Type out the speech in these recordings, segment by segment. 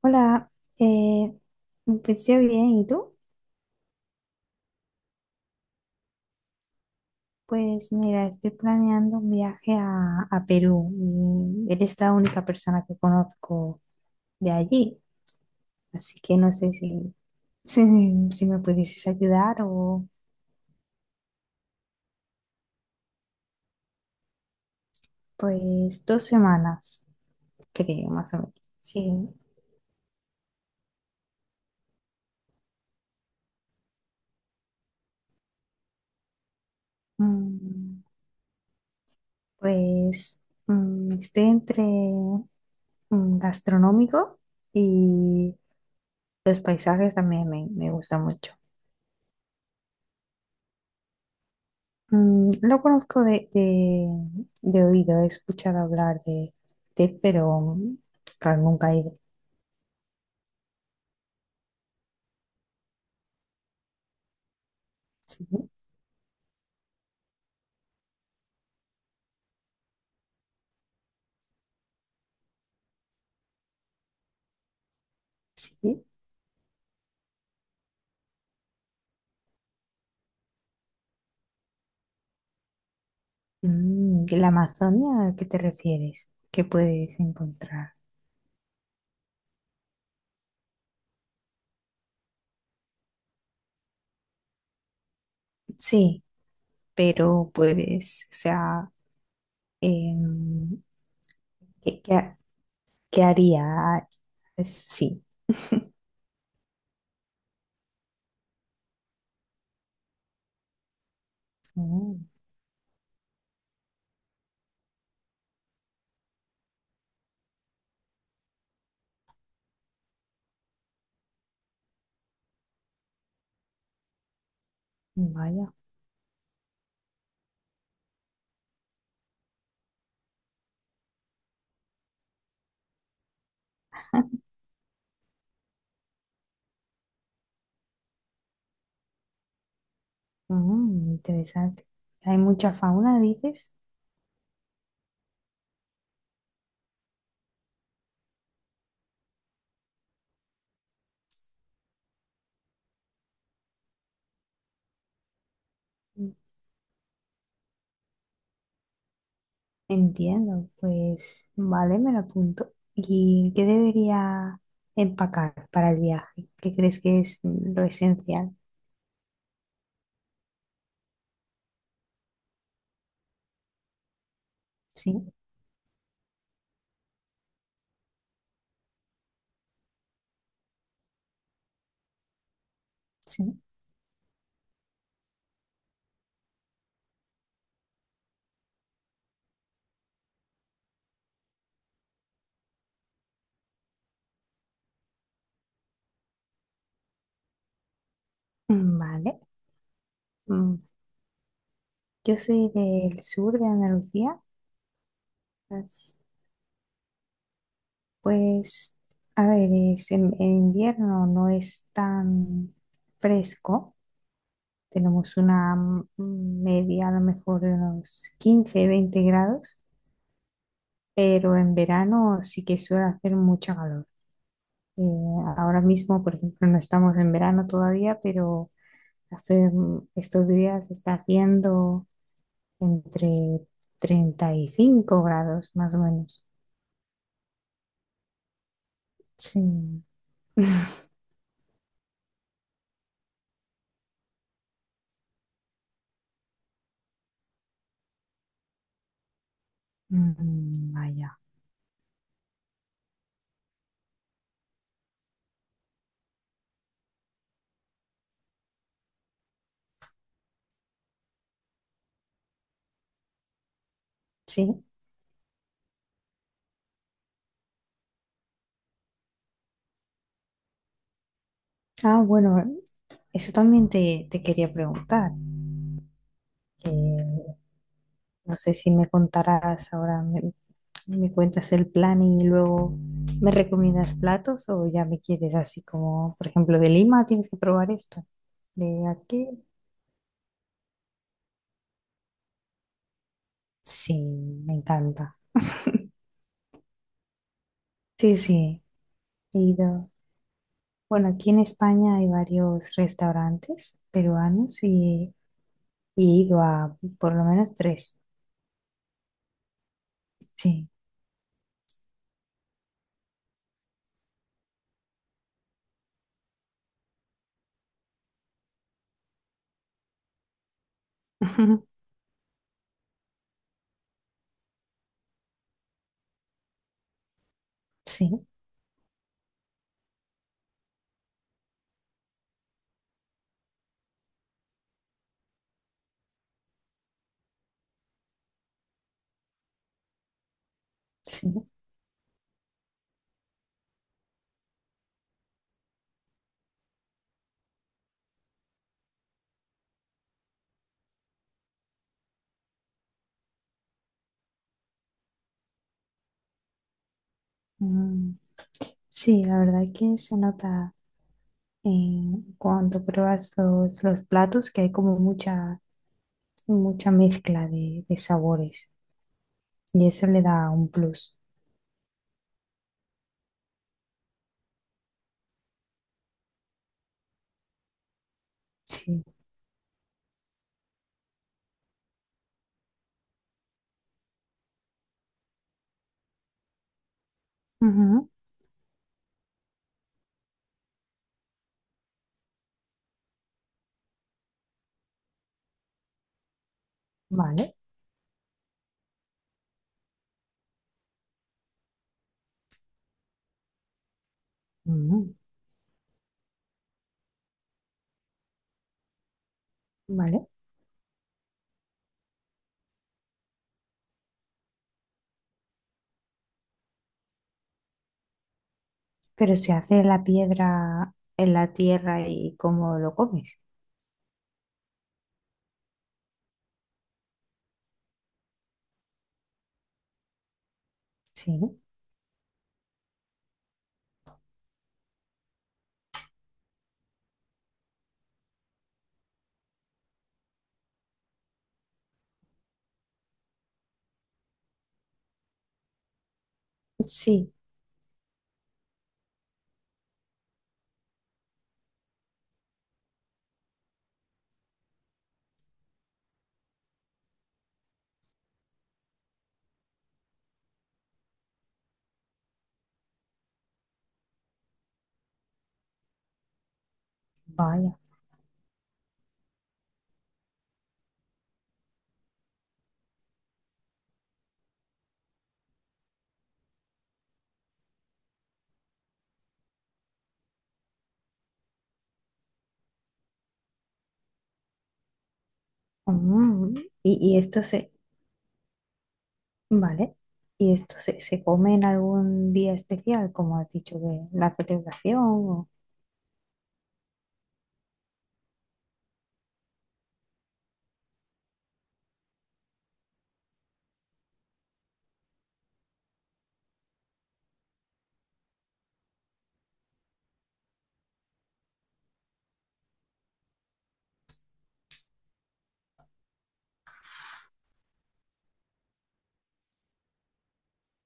Hola, eh, empecé bien, ¿y tú? Pues mira, estoy planeando un viaje a Perú. Y eres la única persona que conozco de allí, así que no sé si, si me pudieses ayudar o pues 2 semanas, creo, más o menos. Sí. Mm, pues, estoy entre gastronómico y los paisajes también me gustan mucho. Lo conozco de oído, he escuchado hablar de pero, claro, nunca he ido. Sí, sí. ¿La Amazonia a qué te refieres? ¿Qué puedes encontrar? Sí, pero puedes, o sea, em, ¿qué, qué ha- qué haría? Sí. Mm, Vaya. Interesante. ¿Hay mucha fauna, dices? Entiendo, pues vale, me lo apunto. ¿Y qué debería empacar para el viaje? ¿Qué crees que es lo esencial? Sí, sí. Vale. Mm, Yo soy del sur de Andalucía. as- pues, a ver, es en invierno no es tan fresco. Tenemos una, media a lo mejor de unos 15-20 grados, pero en verano sí que suele hacer mucho calor. Eh, Ahora mismo, por ejemplo, no estamos en verano todavía, pero estos días está haciendo entre 35 grados, más o menos. Sí. Vaya. Sí. Ah, bueno, eso también te quería preguntar. Que no sé si me contarás ahora, me cuentas el plan y luego me recomiendas platos o ya me quieres así como, por ejemplo, de Lima, tienes que probar esto. De aquí. Sí, me encanta. Sí, sí, he ido. Bueno, aquí en España hay varios restaurantes peruanos y he ido a por lo menos tres. Sí, sí, sí. Mm, Sí, la verdad que se nota en cuando pruebas los platos que hay como mucha, mucha mezcla de sabores y eso le da un plus. Sí. Ujú. Vale. Ujú, vale. Pero se hace la piedra en la tierra y cómo lo comes. Sí, sí, vaya. Mm, y vale, y esto se come en algún día especial, como has dicho, que la celebración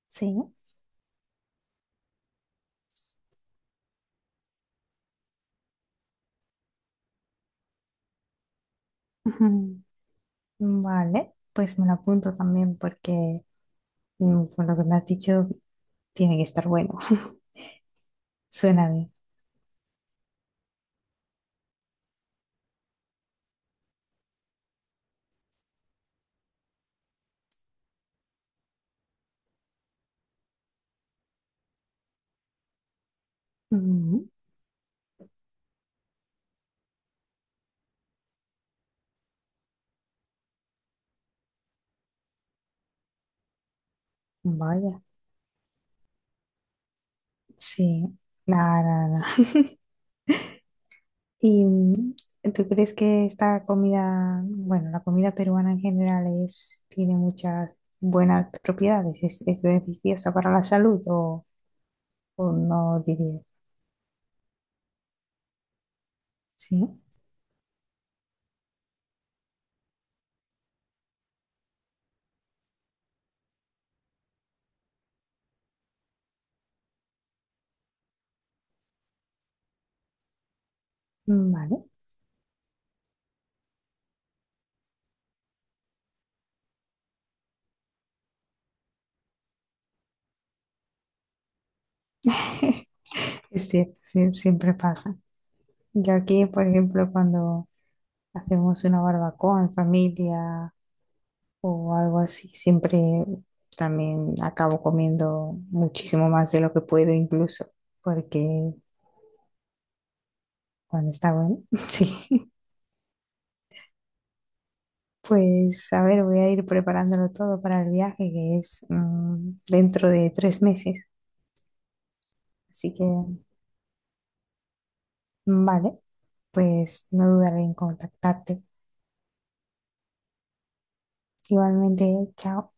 sí. Ujú. Vale, pues me lo apunto también porque, con lo que me has dicho tiene que estar bueno. Suena bien. Mm, Vaya, sí. Nada, nada, nada. ¿Y, tú crees que esta comida, bueno, la comida peruana en general es, tiene muchas buenas propiedades? ¿Es beneficiosa para la salud o no diría? Sí. Vale. Es cierto, sí, siempre pasa. Yo aquí, por ejemplo, cuando hacemos una barbacoa en familia o algo así, siempre también acabo comiendo muchísimo más de lo que puedo incluso, porque cuando está bueno, sí. Pues a ver, voy a ir preparándolo todo para el viaje que es, dentro de 3 meses. Así que, vale, pues no dudaré en contactarte. Igualmente, chao.